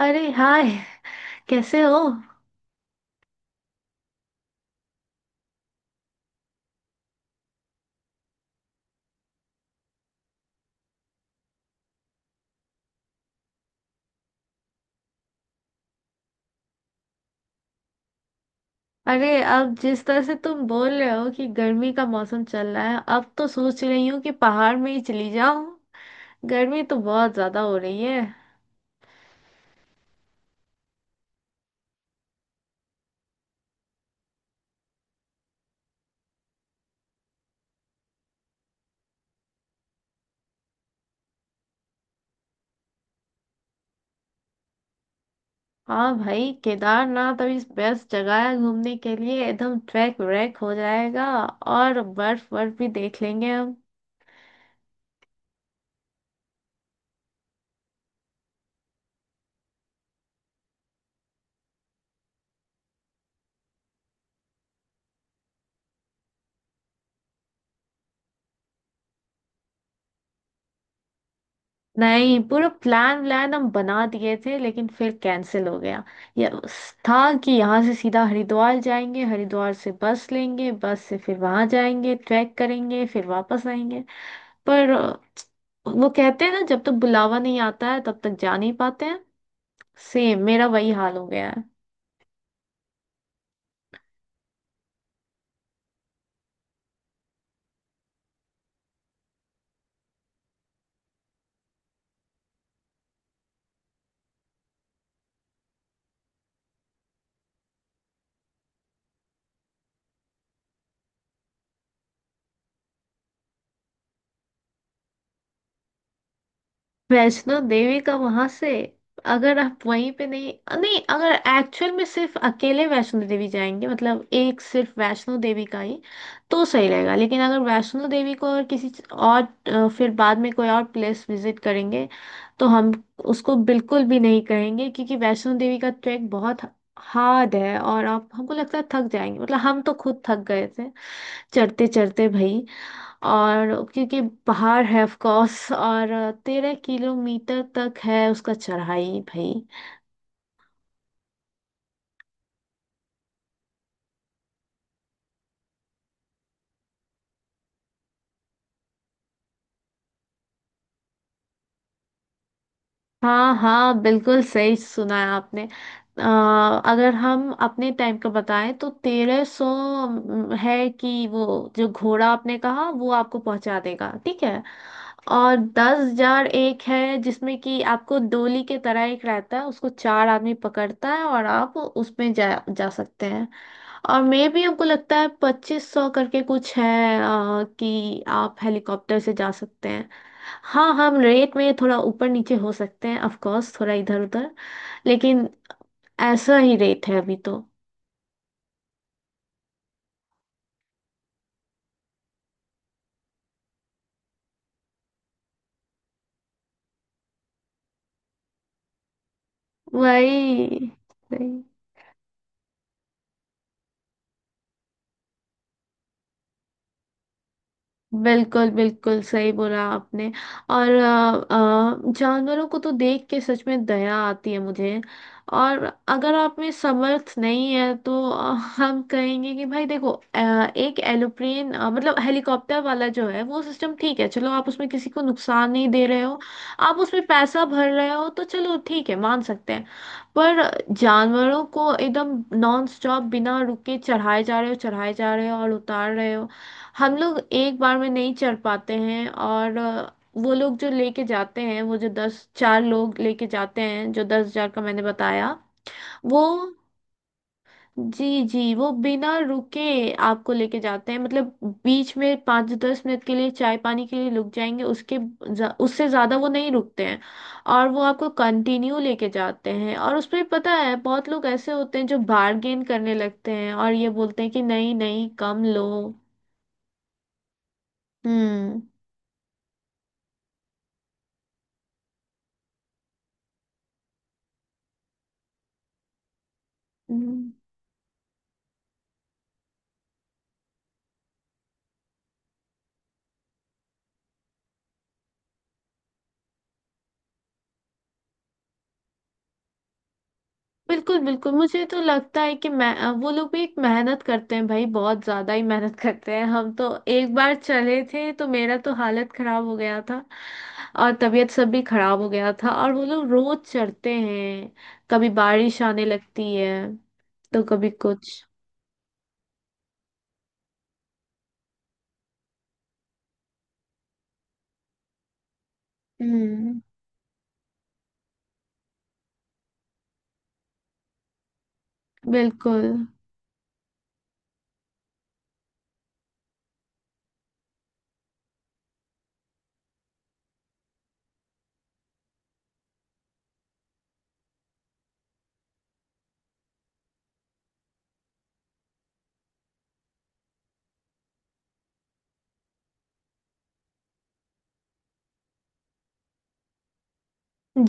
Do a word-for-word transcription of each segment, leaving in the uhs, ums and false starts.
अरे हाय। कैसे हो। अरे, अब जिस तरह से तुम बोल रहे हो कि गर्मी का मौसम चल रहा है, अब तो सोच रही हूँ कि पहाड़ में ही चली जाऊँ। गर्मी तो बहुत ज्यादा हो रही है। हाँ भाई, केदारनाथ अभी बेस्ट जगह है घूमने के लिए। एकदम ट्रैक व्रैक हो जाएगा और बर्फ बर्फ भी देख लेंगे हम। नहीं, पूरा प्लान व्लान हम बना दिए थे लेकिन फिर कैंसिल हो गया। ये उस- था कि यहाँ से सीधा हरिद्वार जाएंगे, हरिद्वार से बस लेंगे, बस से फिर वहां जाएंगे, ट्रैक करेंगे, फिर वापस आएंगे। पर अ, वो कहते हैं ना, जब तक बुलावा नहीं आता है तब तक जा नहीं पाते हैं। सेम मेरा वही हाल हो गया है। वैष्णो देवी का वहां से, अगर आप वहीं पे नहीं अ, नहीं, अगर एक्चुअल में सिर्फ अकेले वैष्णो देवी जाएंगे, मतलब एक सिर्फ वैष्णो देवी का ही, तो सही रहेगा। लेकिन अगर वैष्णो देवी को और किसी च- और अ, फिर बाद में कोई और प्लेस विजिट करेंगे, तो हम उसको बिल्कुल भी नहीं कहेंगे, क्योंकि वैष्णो देवी का ट्रैक बहुत हार्ड है और आप, हमको लगता है, थक जाएंगे। मतलब हम तो खुद थक गए थे चढ़ते चढ़ते भाई। और क्योंकि पहाड़ है ऑफ कोर्स, और तेरह किलोमीटर तक है उसका चढ़ाई भाई। हाँ हाँ, बिल्कुल सही सुना है आपने। अ, अगर हम अपने टाइम का बताएं तो तेरह सौ है कि वो, जो घोड़ा आपने कहा, वो आपको पहुंचा देगा, ठीक है। और दस हजार एक है जिसमें कि आपको डोली के तरह एक रहता है, उसको चार आदमी पकड़ता है और आप उसमें जा जा सकते हैं। और मे भी हमको लगता है पच्चीस सौ करके कुछ है, अ, कि आप हेलीकॉप्टर से जा सकते हैं। हाँ, हम रेट में थोड़ा ऊपर नीचे हो सकते हैं ऑफ कोर्स, थोड़ा इधर उधर, लेकिन ऐसा ही रेट है अभी तो। वही। वही। बिल्कुल बिल्कुल सही बोला आपने। और अ, अ, जानवरों को तो देख के सच में दया आती है मुझे। और अगर आप में समर्थ नहीं है तो अ, हम कहेंगे कि भाई देखो, अ, एक एरोप्लेन, अ, मतलब हेलीकॉप्टर वाला जो है, वो सिस्टम ठीक है, चलो, आप उसमें किसी को नुकसान नहीं दे रहे हो। आप उसमें पैसा भर रहे हो तो चलो ठीक है, मान सकते हैं। पर जानवरों को एकदम नॉन स्टॉप, बिना रुके, चढ़ाए जा रहे हो, चढ़ाए जा रहे हो और उतार रहे हो। हम लोग एक बार में नहीं चढ़ पाते हैं। और अ, वो लोग जो लेके जाते हैं, वो जो दस चार लोग लेके जाते हैं, जो दस हजार का मैंने बताया वो। जी जी, वो बिना रुके आपको लेके जाते हैं, मतलब बीच में पाँच दस मिनट के लिए चाय पानी के लिए रुक जाएंगे, उसके ज- उससे ज़्यादा वो नहीं रुकते हैं। और वो आपको कंटिन्यू लेके जाते हैं। और उसमें पता है बहुत लोग ऐसे होते हैं जो बार्गेन करने लगते हैं और ये बोलते हैं कि नहीं नहीं, कम लो। हम्म। बिल्कुल बिल्कुल। मुझे तो लगता है कि मैं, अ, वो लोग भी एक मेहनत करते हैं भाई, बहुत ज्यादा ही मेहनत करते हैं। हम तो एक बार चले थे तो मेरा तो हालत खराब हो गया था। और तबीयत सब भी खराब हो गया था, और वो लोग रोज चढ़ते हैं। कभी बारिश आने लगती है तो कभी कुछ। हम्म। बिल्कुल।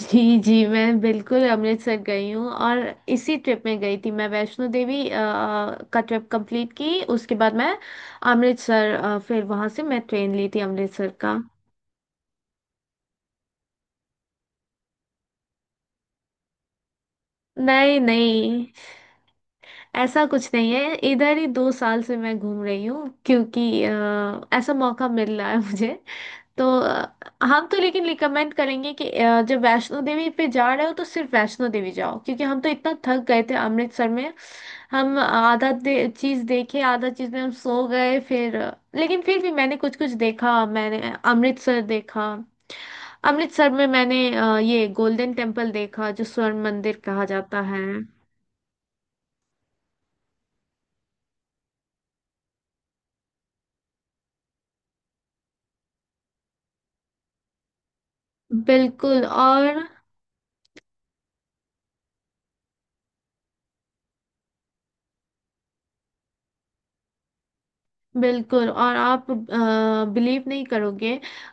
जी जी, मैं बिल्कुल अमृतसर गई हूँ। और इसी ट्रिप में गई थी मैं, वैष्णो देवी अ, का ट्रिप कंप्लीट की, उसके बाद मैं अमृतसर, अ, फिर वहां से मैं ट्रेन ली थी अमृतसर का। नहीं नहीं, ऐसा कुछ नहीं है, इधर ही दो साल से मैं घूम रही हूँ, क्योंकि अ, ऐसा मौका मिल रहा है मुझे तो अ, हम तो लेकिन रिकमेंड करेंगे कि अ, जब वैष्णो देवी पे जा रहे हो तो सिर्फ वैष्णो देवी जाओ, क्योंकि हम तो इतना थक गए थे अमृतसर में। हम आधा दे, चीज देखे, आधा चीज में हम सो गए फिर। लेकिन फिर भी मैंने कुछ कुछ देखा। मैंने अमृतसर देखा। अमृतसर में मैंने, अ, ये गोल्डन टेम्पल देखा जो स्वर्ण मंदिर कहा जाता है। बिल्कुल। और बिल्कुल और आप बिलीव नहीं करोगे।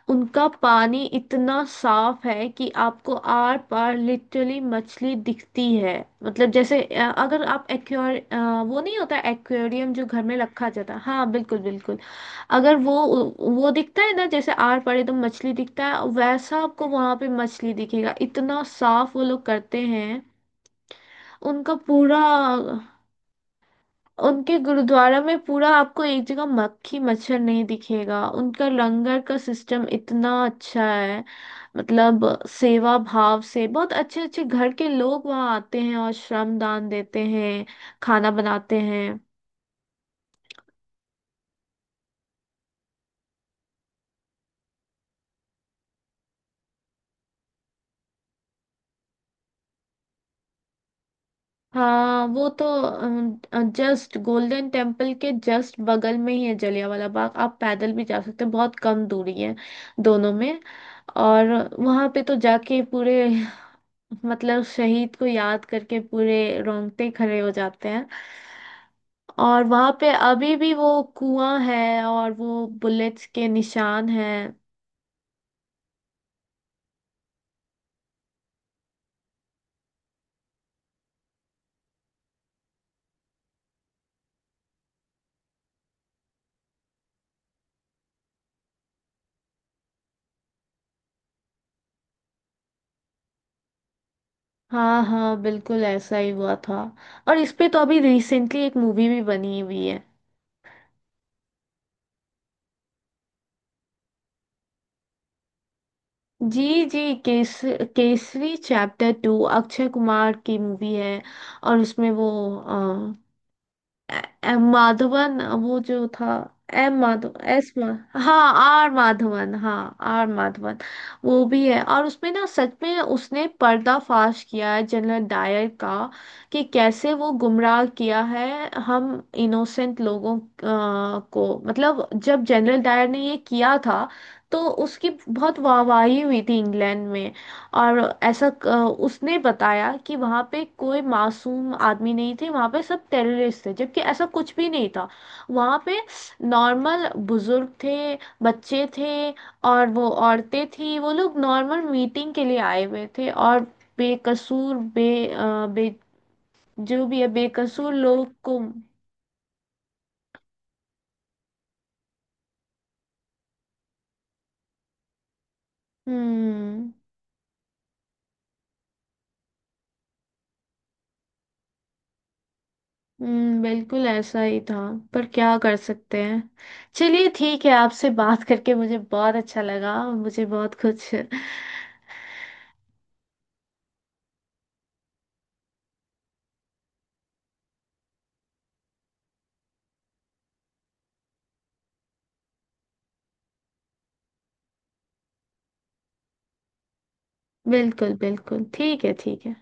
उनका पानी इतना साफ है कि आपको आर पार लिटरली मछली दिखती है। मतलब जैसे, अ, अगर आप एक्वेर वो नहीं होता एक्वेरियम जो घर में रखा जाता है। हाँ बिल्कुल बिल्कुल। अगर वो वो दिखता है ना जैसे आर पार एकदम मछली दिखता है, वैसा आपको वहां पे मछली दिखेगा, इतना साफ वो लोग करते हैं उनका पूरा। उनके गुरुद्वारा में पूरा आपको एक जगह मक्खी मच्छर नहीं दिखेगा, उनका लंगर का सिस्टम इतना अच्छा है, मतलब सेवा भाव से बहुत अच्छे अच्छे घर के लोग वहाँ आते हैं और श्रम दान देते हैं, खाना बनाते हैं। हाँ वो तो जस्ट गोल्डन टेम्पल के जस्ट बगल में ही है जलियांवाला बाग, आप पैदल भी जा सकते हैं, बहुत कम दूरी है दोनों में। और वहाँ पे तो जाके पूरे मतलब शहीद को याद करके पूरे रोंगटे खड़े हो जाते हैं। और वहां पे अभी भी वो कुआं है और वो बुलेट्स के निशान हैं। हाँ हाँ, बिल्कुल ऐसा ही हुआ था। और इस पे तो अभी रिसेंटली एक मूवी भी बनी हुई है। जी जी, केस केसरी चैप्टर टू अक्षय कुमार की मूवी है। और उसमें वो ए- एम माधवन वो जो था, एम माधव एस मा, हाँ आर माधवन, हाँ आर माधवन वो भी है। और उसमें ना सच में उसने पर्दाफाश किया है जनरल डायर का, कि कैसे वो गुमराह किया है हम इनोसेंट लोगों अ, को। मतलब जब जनरल डायर ने ये किया था तो उसकी बहुत वाहवाही हुई थी इंग्लैंड में। और ऐसा क- उसने बताया कि वहां पे कोई मासूम आदमी नहीं थे, वहां पे सब टेररिस्ट थे, जबकि ऐसा कुछ भी नहीं था। वहां पे नॉर्मल बुजुर्ग थे, बच्चे थे और वो औरतें थी, वो लोग नॉर्मल मीटिंग के लिए आए हुए थे और बेकसूर बे, अ, बे जो भी है बेकसूर लोग को। हम्म हम्म, बिल्कुल ऐसा ही था। पर क्या कर सकते हैं। चलिए, ठीक है, आपसे बात करके मुझे बहुत अच्छा लगा, मुझे बहुत कुछ। बिल्कुल बिल्कुल ठीक है, ठीक है।